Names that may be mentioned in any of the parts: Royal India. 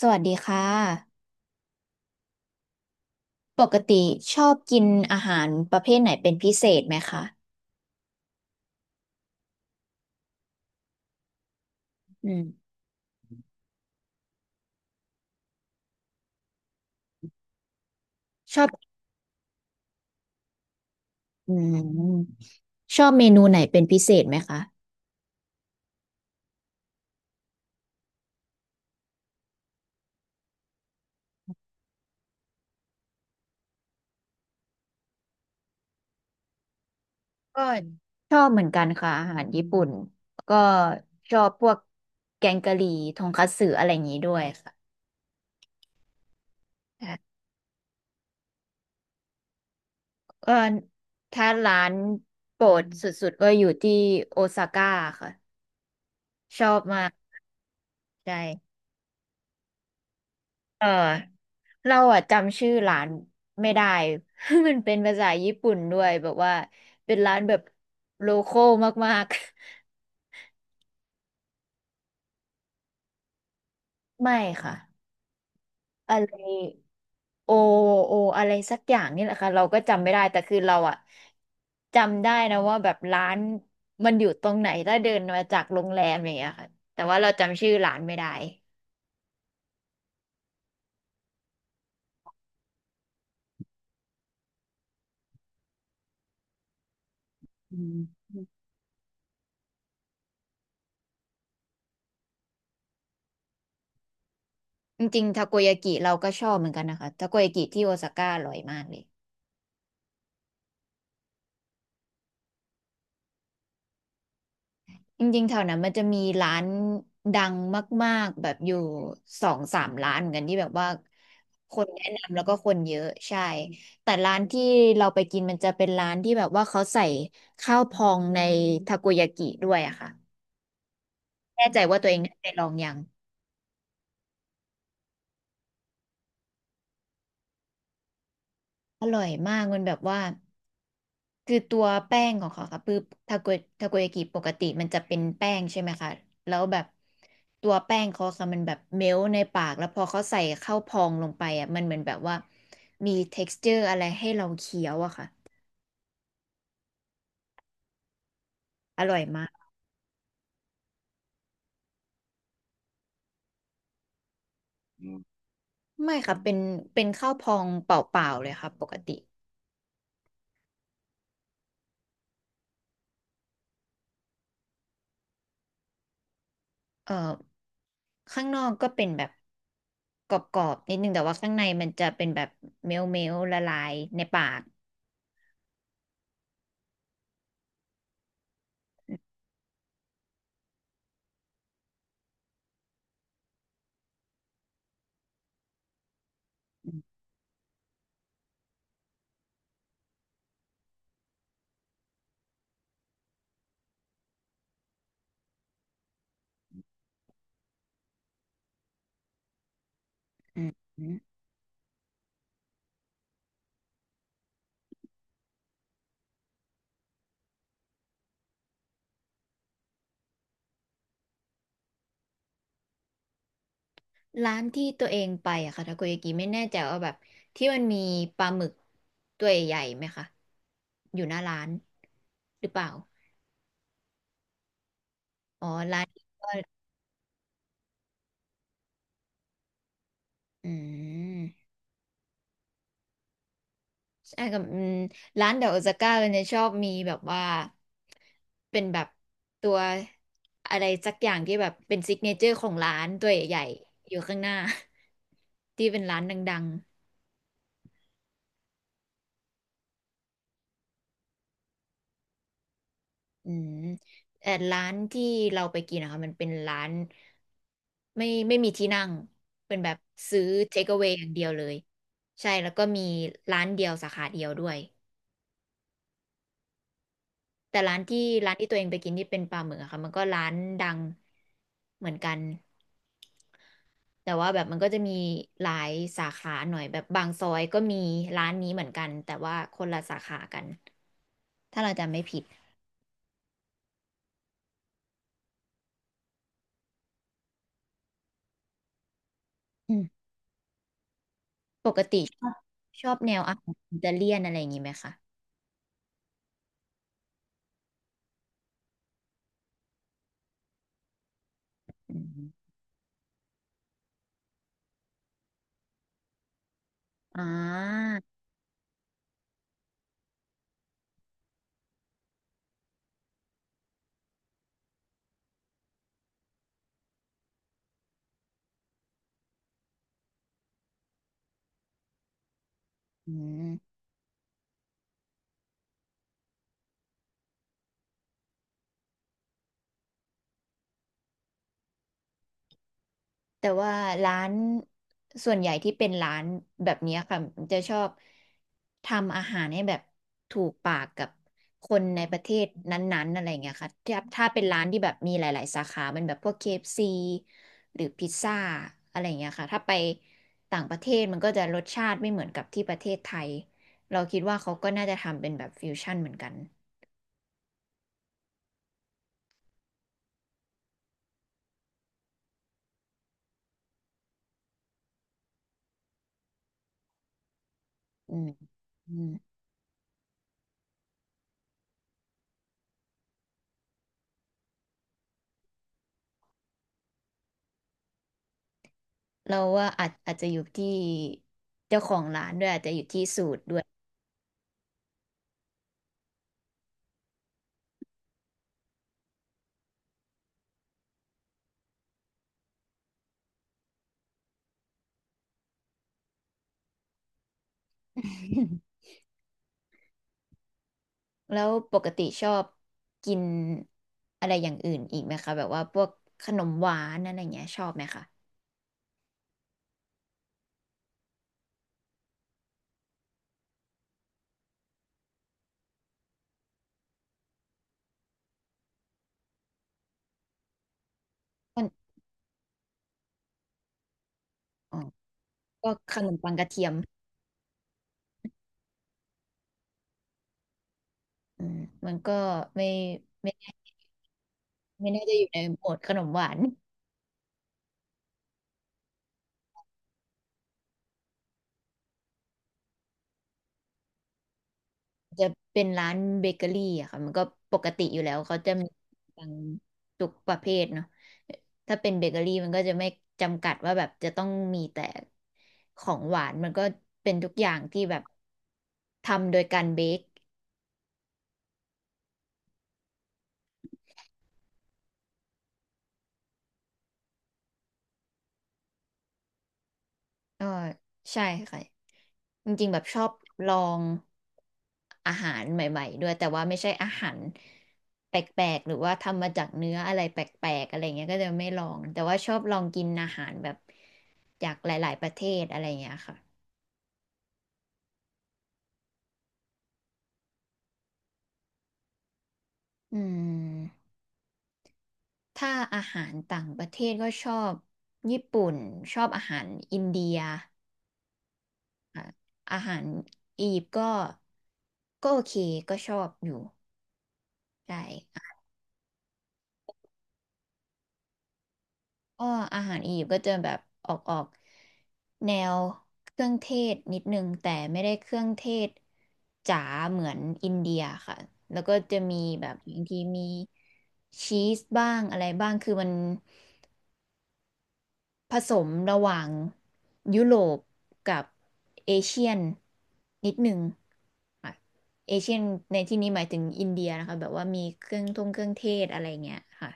สวัสดีค่ะปกติชอบกินอาหารประเภทไหนเป็นพิเศษไหมคะอืมชอบอืมชอบเมนูไหนเป็นพิเศษไหมคะก็ชอบเหมือนกันค่ะอาหารญี่ปุ่นก็ชอบพวกแกงกะหรี่ทงคัตสึอะไรอย่างนี้ด้วยค่ะเออถ้าร้านโปรดสุดๆก็อยู่ที่โอซาก้าค่ะชอบมากใช่ เออเราอะจำชื่อร้านไม่ได้ มันเป็นภาษาญี่ปุ่นด้วยแบบว่าเป็นร้านแบบโลคอลมากๆ ไม่ค่ะอะไรโอโออะไรสักอย่างนี่แหละค่ะเราก็จำไม่ได้แต่คือเราอะจำได้นะว่าแบบร้านมันอยู่ตรงไหนถ้าเดินมาจากโรงแรมอย่างเงี้ยค่ะแต่ว่าเราจำชื่อร้านไม่ได้อืมจริงๆทาโกยากิเราก็ชอบเหมือนกันนะคะทาโกยากิที่โอซาก้าอร่อยมากเลย จริงๆแถวนั้นมันจะมีร้านดังมากๆแบบอยู่สองสามร้านเหมือนกันที่แบบว่าคนแนะนำแล้วก็คนเยอะใช่ แต่ร้านที่เราไปกินมันจะเป็นร้านที่แบบว่าเขาใส่ข้าวพองในทาโกยากิด้วยอะค่ะ แน่ใจว่าตัวเองได้ไปลองยังอร่อยมากมันแบบว่า คือตัวแป้งของเขาค่ะคือทาโกยากิปกติมันจะเป็นแป้งใช่ไหมคะแล้วแบบตัวแป้งเขาค่ะมันแบบเมลในปากแล้วพอเขาใส่เข้าพองลงไปอ่ะมันเหมือนแบบว่ามี texture อะไรให้เราเคี้ยวอะค่ะอร่อยมากอืมไม่ค่ะเป็นเป็นข้าวพองเปล่าๆเลยค่ะปกติเอ่อข้างนอกก็เป็นแบบกรอบๆนิดนึงแต่ว่าข้างในมันจะเป็นแบบเมลละลายในปากอืมอืม ร้านที่ตัวเองไปอะค่ะทาโกยากิไม่แน่ใจว่าแบบที่มันมีปลาหมึกตัวใหญ่ไหมคะอยู่หน้าร้านหรือเปล่าอ๋อร้านนี้ก็อืมใช่กับอืมร้านเดอะโอซาก้าเนี่ยชอบมีแบบว่าเป็นแบบตัวอะไรสักอย่างที่แบบเป็นซิกเนเจอร์ของร้านตัวใหญ่ๆอยู่ข้างหน้า ที่เป็นร้านดังๆ อืมแต่ร้านที่เราไปกินนะคะมันเป็นร้านไม่มีที่นั่งเป็นแบบซื้อ take away อย่างเดียวเลยใช่แล้วก็มีร้านเดียวสาขาเดียวด้วยแต่ร้านที่ตัวเองไปกินที่เป็นปลาหมึกอะค่ะมันก็ร้านดังเหมือนกันแต่ว่าแบบมันก็จะมีหลายสาขาหน่อยแบบบางซอยก็มีร้านนี้เหมือนกันแต่ว่าคนละสาขากันถ้าเราจำไม่ผิดอืมปกติชอบชอบแนวอาหารอิตาเลียนอะไรอย่างนี้ไหมคะ อืมอ่าอืมแต่ว่าร้านส่วนใหญ่ที่เป็นร้านแบบเนี้ยค่ะมันจะชอบทำอาหารให้แบบถูกปากกับคนในประเทศนั้นๆอะไรเงี้ยค่ะถ้าเป็นร้านที่แบบมีหลายๆสาขามันแบบพวก k ซ c หรือพิซซ่าอะไรเงี้ยค่ะถ้าไปต่างประเทศมันก็จะรสชาติไม่เหมือนกับที่ประเทศไทยเราคิดว่าเขาก็น่าจะทำเป็นแบบฟิวชั่นเหมือนกันอืมอืม เราว่าอาจจะอยู่ที่เจ้าของร้านด้วยอาจจะอยู่ที่สูตรด้วย แล้วปกติชอบกินอะไรอย่างอื่นอีกไหมคะแบบว่าพวกขนมหวานอะไรอย่างเงี้ยชอบไหมคะมันอ๋อพวกขนมปังกระเทียมอืมมันก็ไม่ไม่ไม่น่าจะอยู่ในหมวดขนมหวาน จะเป็นร้านเบเกอรี่อะค่ะมันก็ปกติอยู่แล้วเขาจะมีบางทุกประเภทเนาะถ้าเป็นเบเกอรี่มันก็จะไม่จำกัดว่าแบบจะต้องมีแต่ของหวานมันก็เป็นทุกอย่างที่แบบทำโดยการเบคก็ใช่ค่ะจริงๆแบบชอบลองอาหารใหม่ๆด้วยแต่ว่าไม่ใช่อาหารแปลกๆหรือว่าทำมาจากเนื้ออะไรแปลกๆอะไรเงี้ยก็จะไม่ลองแต่ว่าชอบลองกินอาหารแบบ จากหลายๆประเทศอะไรอย่างเงี้ยค่ะอืมถ้าอาหารต่างประเทศก็ชอบญี่ปุ่นชอบอาหารอินเดียค่ะอาหารอียิปต์ก็ก็โอเคก็ชอบอยู่ใช่ก็อาหารอียิปต์ก็จะแบบออกแนวเครื่องเทศนิดนึงแต่ไม่ได้เครื่องเทศจ๋าเหมือนอินเดียค่ะแล้วก็จะมีแบบบางทีมีชีสบ้างอะไรบ้างคือมัน ผสมระหว่างยุโรปกับเอเชียนนิดหนึ่งค่ะเอเชียนในที่นี้หมายถึงอินเดียนะคะแบบว่ามีเครื่องเทศอะไรเงี้ยค่ะ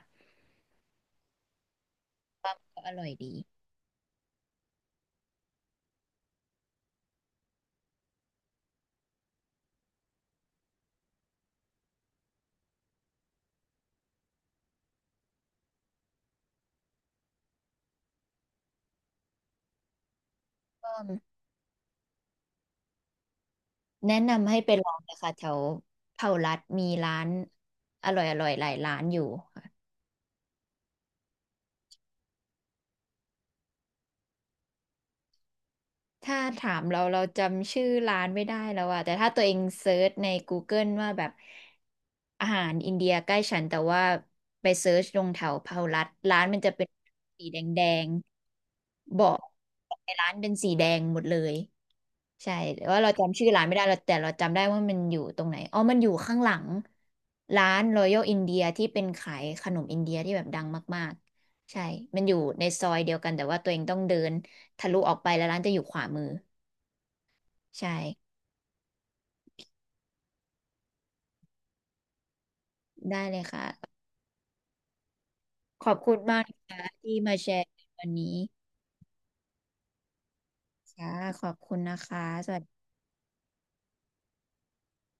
ว่ามันก็อร่อยดีแนะนำให้ไปลองนะคะแถวเผารัดมีร้านอร่อยหลายร้านอยู่ ถ้าถามเราเราจำชื่อร้านไม่ได้แล้วอะแต่ถ้าตัวเองเซิร์ชใน Google ว่าแบบอาหารอินเดียใกล้ฉันแต่ว่าไปเซิร์ชลงแถวพหลรัฐร้านมันจะเป็นสีแดงๆบอกในร้านเป็นสีแดงหมดเลยใช่แต่ว่าเราจำชื่อร้านไม่ได้เราแต่เราจำได้ว่ามันอยู่ตรงไหนอ๋อมันอยู่ข้างหลังร้าน Royal India ที่เป็นขายขนมอินเดียที่แบบดังมากๆใช่มันอยู่ในซอยเดียวกันแต่ว่าตัวเองต้องเดินทะลุออกไปแล้วร้านจะอยู่ขวามือ ใช่ได้เลยค่ะขอบคุณมากนะคะที่มาแชร์วันนี้ค่ะขอบคุณนะคะสวัสดี